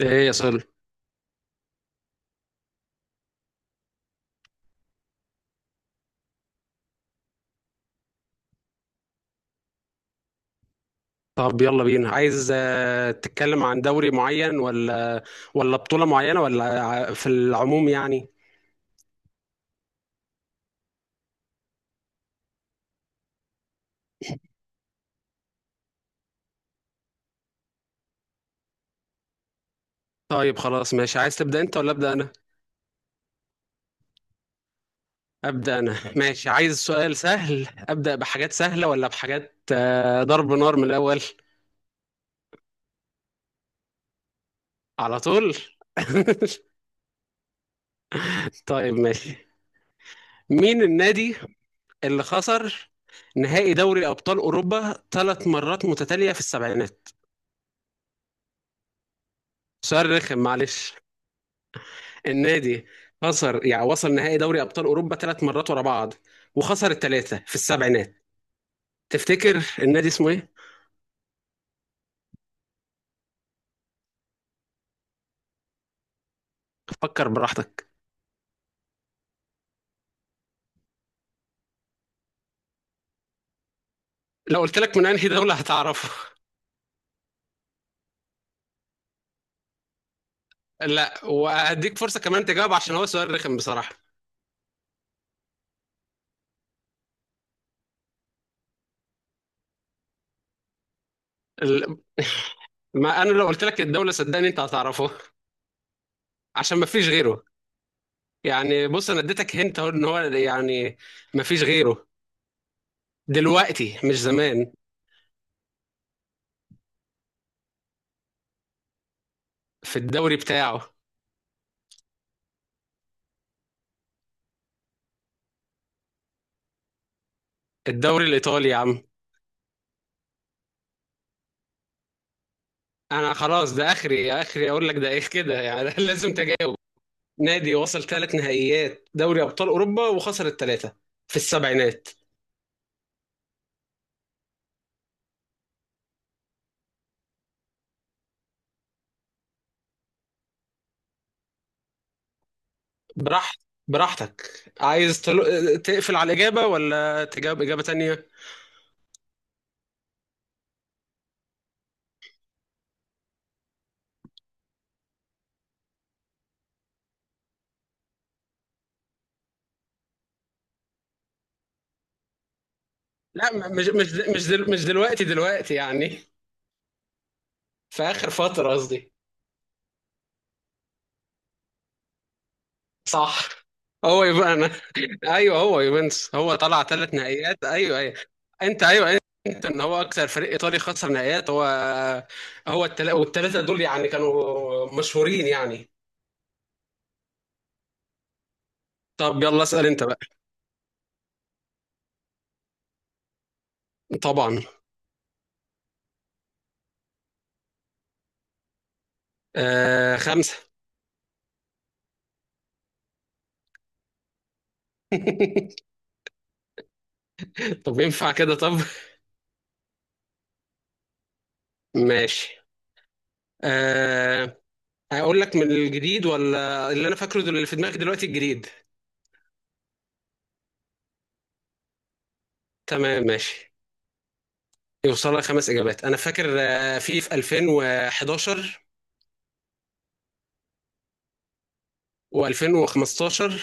ايه يا صل؟ طب يلا بينا، عايز تتكلم عن دوري معين ولا بطولة معينة ولا في العموم يعني؟ طيب خلاص ماشي، عايز تبدأ انت ولا أبدأ انا؟ أبدأ انا، ماشي. عايز سؤال سهل أبدأ بحاجات سهلة، ولا بحاجات ضرب نار من الأول؟ على طول. طيب ماشي. مين النادي اللي خسر نهائي دوري أبطال أوروبا 3 مرات متتالية في السبعينات؟ سؤال رخم معلش. النادي خسر، يعني وصل نهائي دوري ابطال اوروبا 3 مرات ورا بعض، وخسر الثلاثه في السبعينات. تفتكر النادي اسمه ايه؟ فكر براحتك. لو قلت لك من انهي دوله هتعرفه. لا، وهديك فرصه كمان تجاوب عشان هو سؤال رخم بصراحه. ال- ما انا لو قلت لك الدوله صدقني انت هتعرفه، عشان ما فيش غيره. يعني بص، انا اديتك هنت اهو ان هو يعني ما فيش غيره دلوقتي، مش زمان، في الدوري بتاعه. الدوري الايطالي يا عم. انا خلاص ده اخري اخري اقول لك ده ايه كده يعني. لازم تجاوب. نادي وصل 3 نهائيات دوري ابطال اوروبا وخسر الثلاثه في السبعينات. براحت براحتك، عايز تقفل على الاجابه ولا تجاوب اجابه تانية؟ لا، مش دلوقتي، دلوقتي يعني في اخر فتره قصدي. صح. هو يبقى انا. ايوه هو يوفنتوس، هو طلع 3 نهائيات. ايوه، ايوه. انت ايوه، انت ان هو اكثر فريق ايطالي خسر نهائيات، هو. هو والثلاثه دول يعني كانوا مشهورين يعني. طب يلا اسال انت بقى. طبعا. آه، 5. طب ينفع كده؟ طب ماشي. آه اقول لك من الجديد ولا اللي انا فاكره، اللي في دماغي دلوقتي الجديد؟ تمام ماشي. يوصل لك 5 اجابات. انا فاكر في 2011 و2015.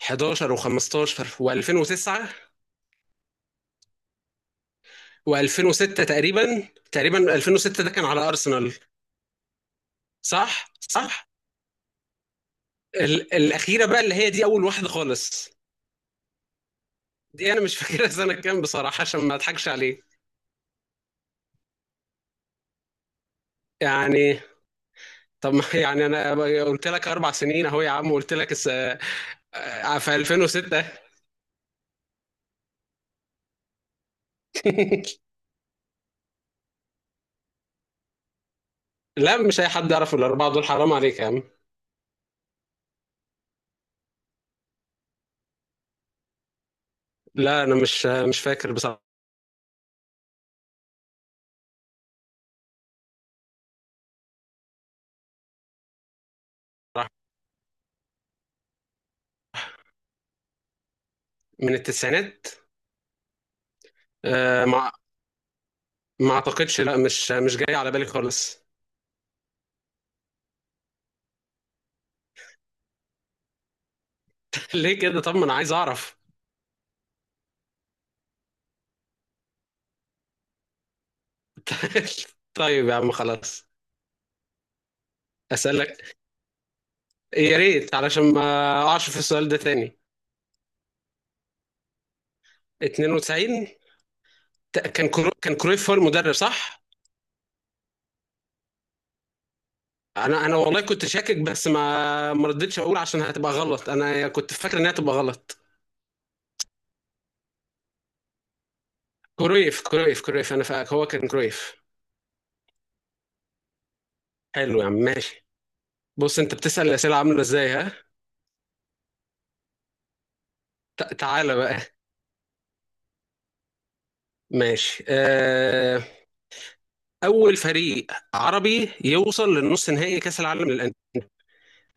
11 و15 و2009 و2006 تقريبا. تقريبا 2006 ده كان على أرسنال. صح، صح. الأخيرة بقى، اللي هي دي أول واحدة خالص. دي أنا مش فاكرها سنة كام بصراحة، عشان ما أضحكش عليه يعني. طب يعني أنا قلت لك 4 سنين أهو يا عم، قلت لك في 2006. لا، مش أي حد يعرف الأربعة دول، حرام عليك يا عم. لا أنا مش فاكر بصراحة. من التسعينات. مع، ما اعتقدش، لا، مش جاي على بالي خالص. ليه كده؟ طب ما انا عايز اعرف. طيب يا عم خلاص، اسالك. يا ريت علشان ما اقعش في السؤال ده تاني. 92. كان كرويف هو المدرب، صح؟ انا والله كنت شاكك، بس ما رديتش اقول عشان هتبقى غلط، انا كنت فاكر انها تبقى غلط. كرويف، كرويف، كرويف، انا فاكر هو كان كرويف. حلو يا عم، ماشي. بص، انت بتسال الاسئله عامله ازاي ها. تعالى بقى. ماشي. اول فريق عربي يوصل للنص نهائي كاس العالم للانديه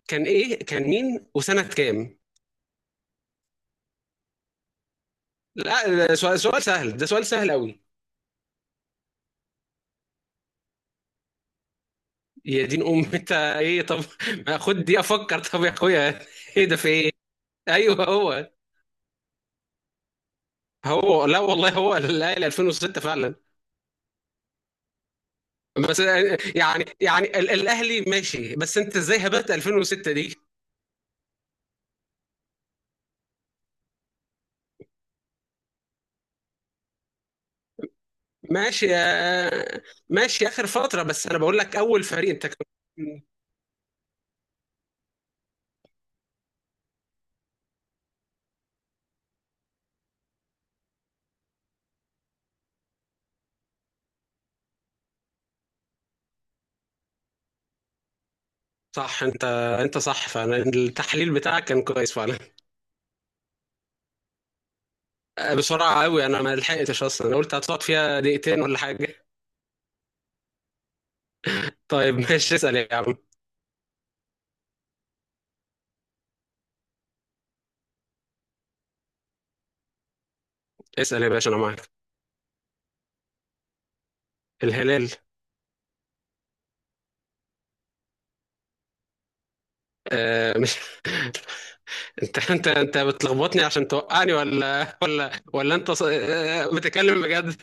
كان ايه؟ كان مين، وسنه كام؟ لا، ده سؤال سهل، ده سؤال سهل قوي. يا دين ام انت، ايه؟ طب ما خد دي افكر طب يا اخويا. ايه ده، في ايه؟ ايوه هو. هو، لا والله هو الاهلي 2006 فعلا. بس يعني الاهلي ماشي، بس انت ازاي هبت 2006 دي؟ ماشي ماشي اخر فتره، بس انا بقول لك اول فريق، انت كنت صح. انت انت صح فعلا، التحليل بتاعك كان كويس فعلا. بسرعه قوي، انا ما لحقتش اصلا، انا قلت هتقعد فيها دقيقتين ولا حاجه. طيب ماشي، اسال يا عم. اسال يا باشا، انا معاك. الهلال. مش. انت بتلخبطني عشان توقعني، ولا ولا انت بتتكلم بجد؟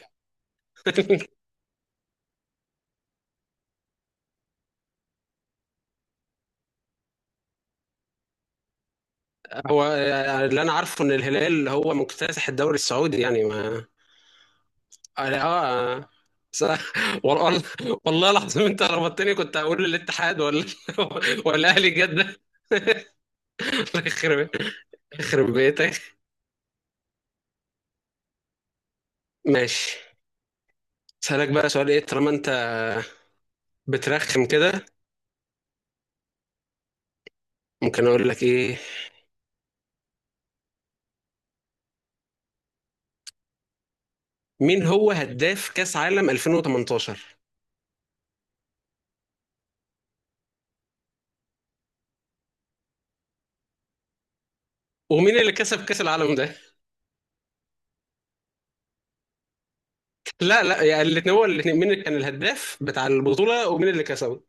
هو اللي انا عارفه ان الهلال هو مكتسح الدوري السعودي يعني. ما انا اه، س- والله، والله العظيم انت ربطتني، كنت هقول الاتحاد ولا ولا اهلي جده. يخرب يخرب بيتك. ماشي. اسالك بقى سؤال، ايه طالما انت بترخم كده، ممكن اقول لك ايه. مين هو هداف كاس عالم 2018؟ ومين اللي كسب كاس العالم ده؟ لا لا، يا الاثنين، هو الاثنين. مين اللي كان الهداف بتاع البطوله، ومين اللي كسبه.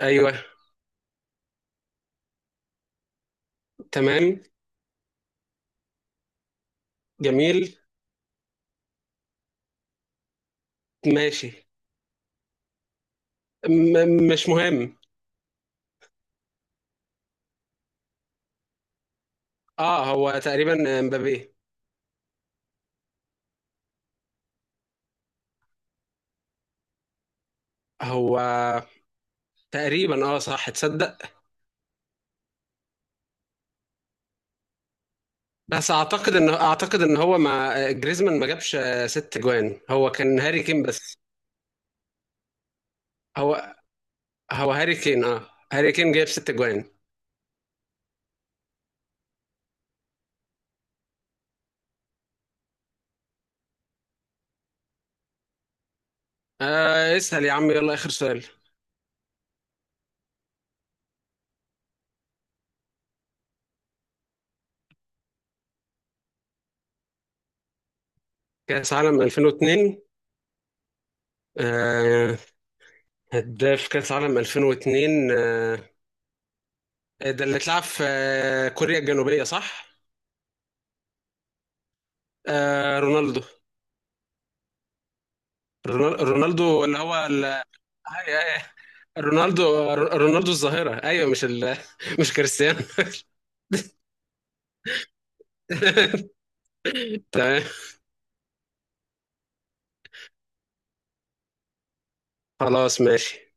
ايوه، تمام، جميل. ماشي. مش مهم. اه، هو تقريبا امبابي. هو تقريبا، اه صح، تصدق. بس اعتقد ان هو مع جريزمان ما جابش 6 جوان، هو كان هاري كين بس. هو هو هاري كين، اه هاري كين جاب 6 جوان. اسأل يا عم يلا، اخر سؤال. كأس عالم 2002؟ آه هداف كأس عالم 2002. ده اللي اتلعب في كوريا الجنوبية، صح؟ رونالدو. رونالدو اللي هو ال- رونالدو الظاهرة. أيوة، مش مش كريستيانو. تمام خلاص ماشي.